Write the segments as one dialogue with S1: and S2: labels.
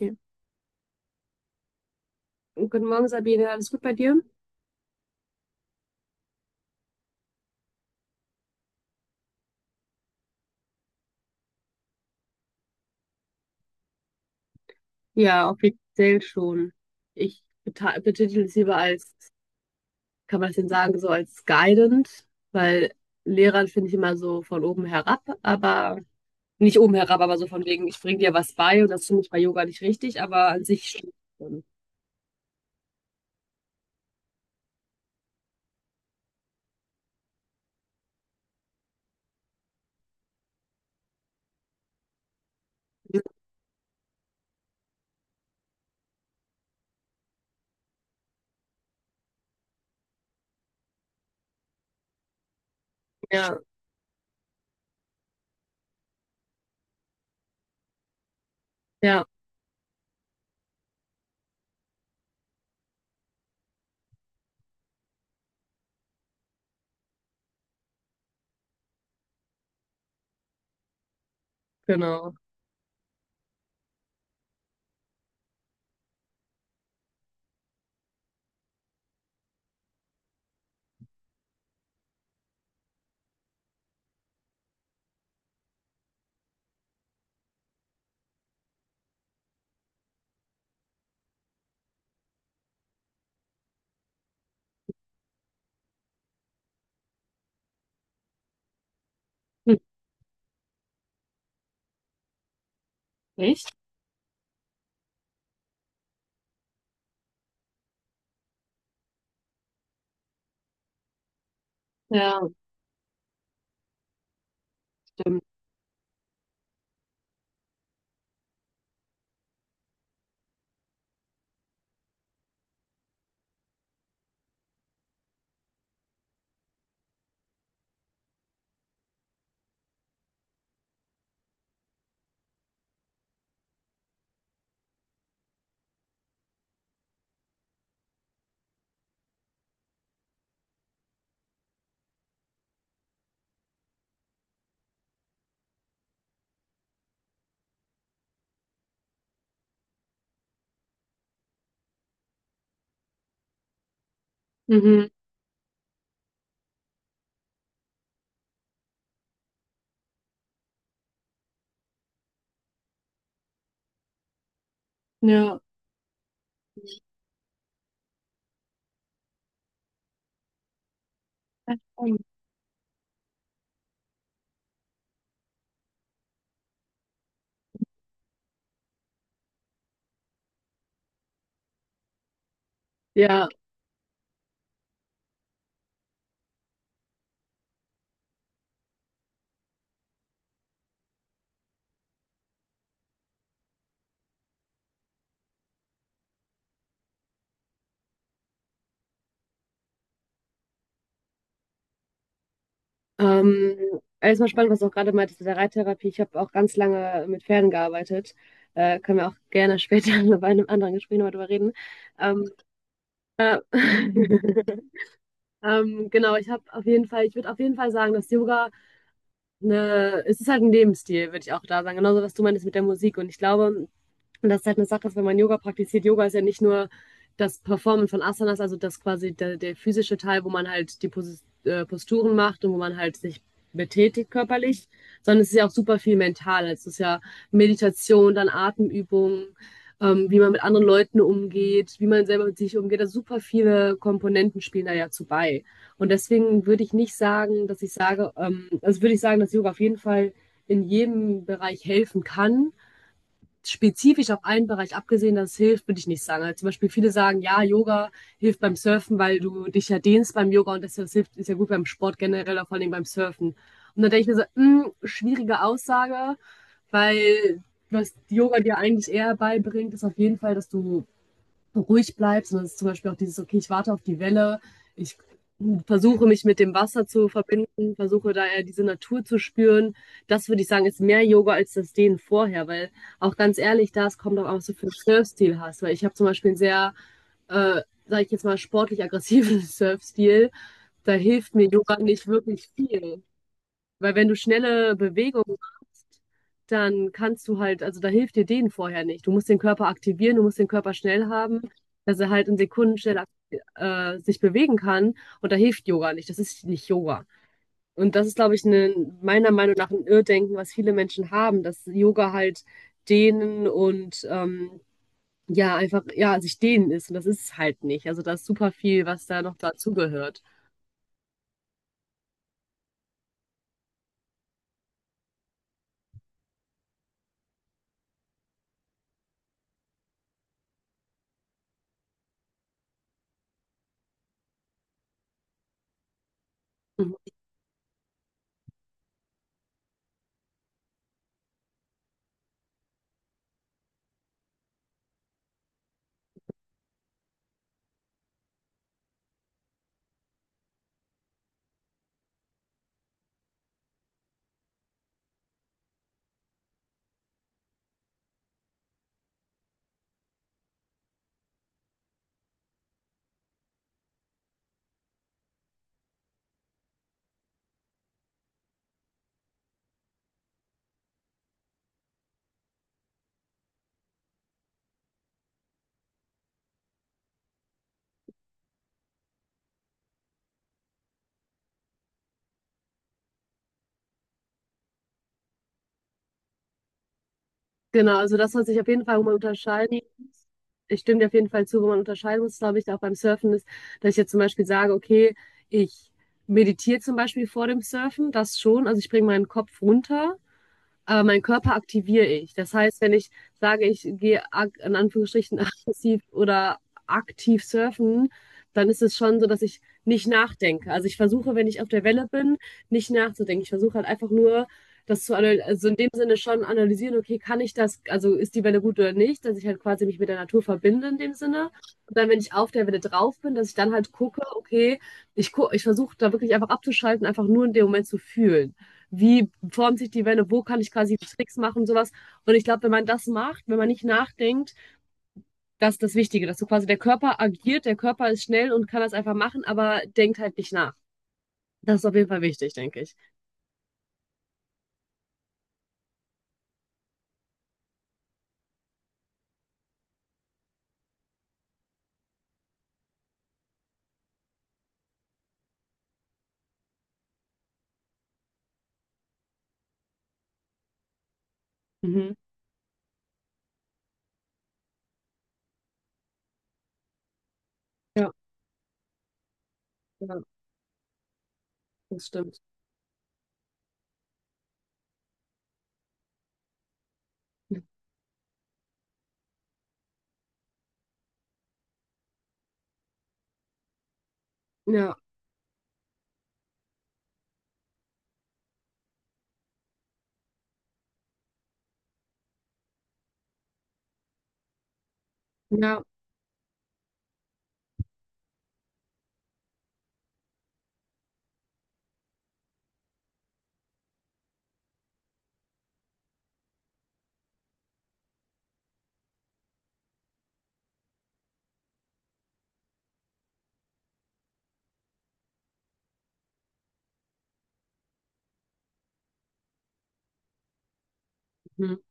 S1: Okay. Guten Morgen, Sabine. Alles gut bei dir? Ja, offiziell schon. Betitel es lieber als, kann man es denn sagen, so als guidant, weil Lehrern finde ich immer so von oben herab, aber nicht oben herab, aber so von wegen, ich bringe dir was bei und das finde ich bei Yoga nicht richtig, aber an sich stimmt schon. Ja, ja, genau. Hm. Echt? Ja, stimmt. Mhm. Ja. Ja. Ähm, Alles mal spannend, was du auch gerade meintest mit der Reittherapie. Ich habe auch ganz lange mit Pferden gearbeitet. Können wir auch gerne später bei einem anderen Gespräch nochmal drüber reden. Ähm, äh, genau, ich habe auf jeden Fall, ich würde auf jeden Fall sagen, dass Yoga eine, es ist halt ein Lebensstil, würde ich auch da sagen. Genauso, was du meinst mit der Musik. Und ich glaube, und das ist halt eine Sache, dass wenn man Yoga praktiziert, Yoga ist ja nicht nur das Performen von Asanas, also das quasi der, der physische Teil, wo man halt die Posturen macht und wo man halt sich betätigt körperlich, sondern es ist ja auch super viel mental. Also es ist ja Meditation, dann Atemübungen, wie man mit anderen Leuten umgeht, wie man selber mit sich umgeht. Also super viele Komponenten spielen da ja zu bei. Und deswegen würde ich nicht sagen, dass ich sage, also würde ich sagen, dass Yoga auf jeden Fall in jedem Bereich helfen kann spezifisch auf einen Bereich abgesehen, dass es hilft, würde ich nicht sagen. Also zum Beispiel viele sagen, ja, Yoga hilft beim Surfen, weil du dich ja dehnst beim Yoga und das, hilft, ist ja gut beim Sport generell, aber vor allem beim Surfen. Und dann denke ich mir so, mh, schwierige Aussage, weil was Yoga dir eigentlich eher beibringt, ist auf jeden Fall, dass du ruhig bleibt, sondern es ist zum Beispiel auch dieses, okay, ich warte auf die Welle, ich versuche mich mit dem Wasser zu verbinden, versuche da eher diese Natur zu spüren. Das würde ich sagen, ist mehr Yoga als das Dehnen vorher, weil auch ganz ehrlich, da es kommt auch auf so viel Surfstil hast, weil ich habe zum Beispiel einen sehr, äh, sage ich jetzt mal, sportlich aggressiven Surfstil. Da hilft mir Yoga nicht wirklich viel. Weil wenn du schnelle Bewegungen machst, dann kannst du halt, also da hilft dir dehnen vorher nicht. Du musst den Körper aktivieren, du musst den Körper schnell haben, dass er halt in Sekunden schnell sich bewegen kann. Und da hilft Yoga nicht. Das ist nicht Yoga. Und das ist, glaube ich, meiner Meinung nach ein Irrdenken, was viele Menschen haben, dass Yoga halt dehnen und ja, einfach, ja, sich dehnen ist. Und das ist es halt nicht. Also da ist super viel, was da noch dazugehört. Mhm. Genau, also das soll sich auf jeden Fall, wo man unterscheiden muss. Ich stimme dir auf jeden Fall zu, wo man unterscheiden muss, glaube ich, auch beim Surfen ist, dass ich jetzt zum Beispiel sage, okay, ich meditiere zum Beispiel vor dem Surfen, das schon, also ich bringe meinen Kopf runter aber meinen Körper aktiviere ich. Das heißt, wenn ich sage, in Anführungsstrichen aggressiv oder aktiv surfen, dann ist es schon so, dass ich nicht nachdenke. Also ich versuche, wenn ich auf der Welle bin, nicht nachzudenken. Ich versuche halt einfach nur, das zu analysieren, also in dem Sinne schon analysieren, okay, kann ich das, also ist die Welle gut oder nicht, dass ich halt quasi mich mit der Natur verbinde in dem Sinne. Und dann, wenn ich auf der Welle drauf bin, dass ich dann halt gucke, okay, ich versuche da wirklich einfach abzuschalten, einfach nur in dem Moment zu fühlen wie formt sich die Welle, wo kann ich quasi Tricks machen und sowas. Und ich glaube, wenn man das macht, wenn man nicht nachdenkt, das ist das Wichtige, dass so quasi der Körper agiert, der Körper ist schnell und kann das einfach machen, aber denkt halt nicht nach. Das ist auf jeden Fall wichtig, denke ich. Mhm. Ja, ja, das stimmt. Ja, ja, mhm.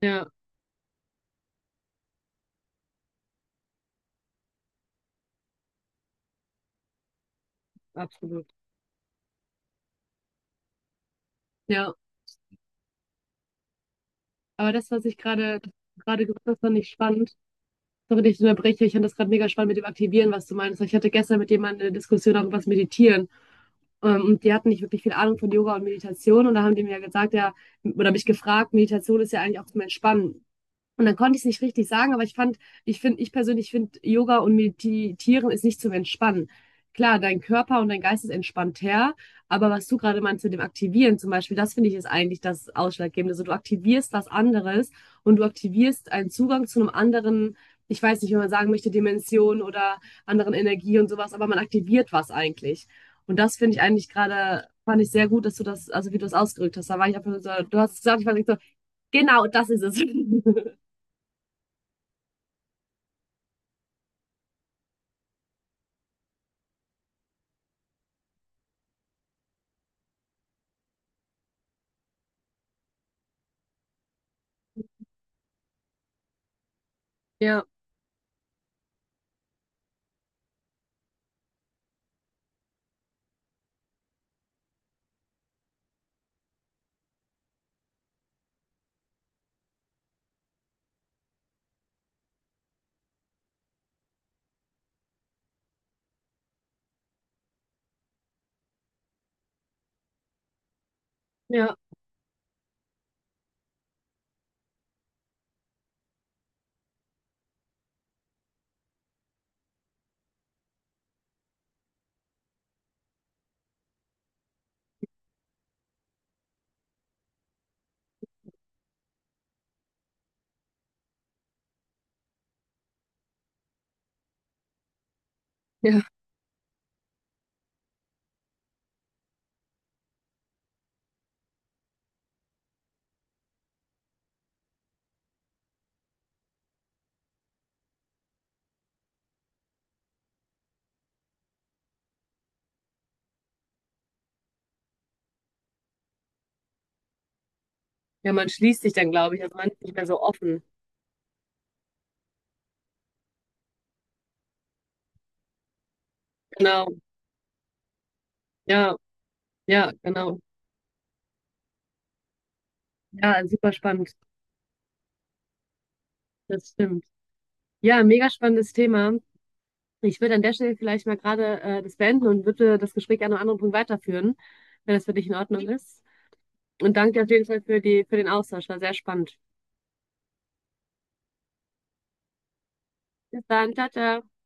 S1: Ja, absolut. Ja, aber das, was ich gerade gesagt habe, fand ich spannend. Sorry, dass ich unterbreche. Ich fand das gerade mega spannend mit dem Aktivieren, was du meinst. Ich hatte gestern mit jemandem eine Diskussion darüber, was Meditieren. Und die hatten nicht wirklich viel Ahnung von Yoga und Meditation. Und da haben die mir ja gesagt, ja, oder mich gefragt, Meditation ist ja eigentlich auch zum Entspannen. Und dann konnte ich es nicht richtig sagen, aber ich fand, ich finde, ich persönlich finde, Yoga und Meditieren ist nicht zum Entspannen. Klar, dein Körper und dein Geist ist entspannter, aber was du gerade meinst mit dem Aktivieren zum Beispiel, das finde ich ist eigentlich das Ausschlaggebende. Also du aktivierst was anderes und du aktivierst einen Zugang zu einem anderen, ich weiß nicht, wie man sagen möchte, Dimension oder anderen Energie und sowas, aber man aktiviert was eigentlich. Und das finde ich eigentlich gerade, fand ich sehr gut, dass du das, also wie du das ausgedrückt hast. Da war ich einfach so, du hast es gesagt, ich war so, genau, das ist es. Ja. Ja, ja. Ja, man schließt sich dann, glaube ich. Also man ist nicht mehr so offen. Genau. Ja, ja, genau. Ja, super spannend. Das stimmt. Ja, mega spannendes Thema. Ich würde an der Stelle vielleicht mal gerade das beenden und würde das Gespräch an einem anderen Punkt weiterführen, wenn das für dich in Ordnung ist. Und danke dir auf jeden Fall für die, für den Austausch. War sehr spannend. Bis dann. Ciao, ciao.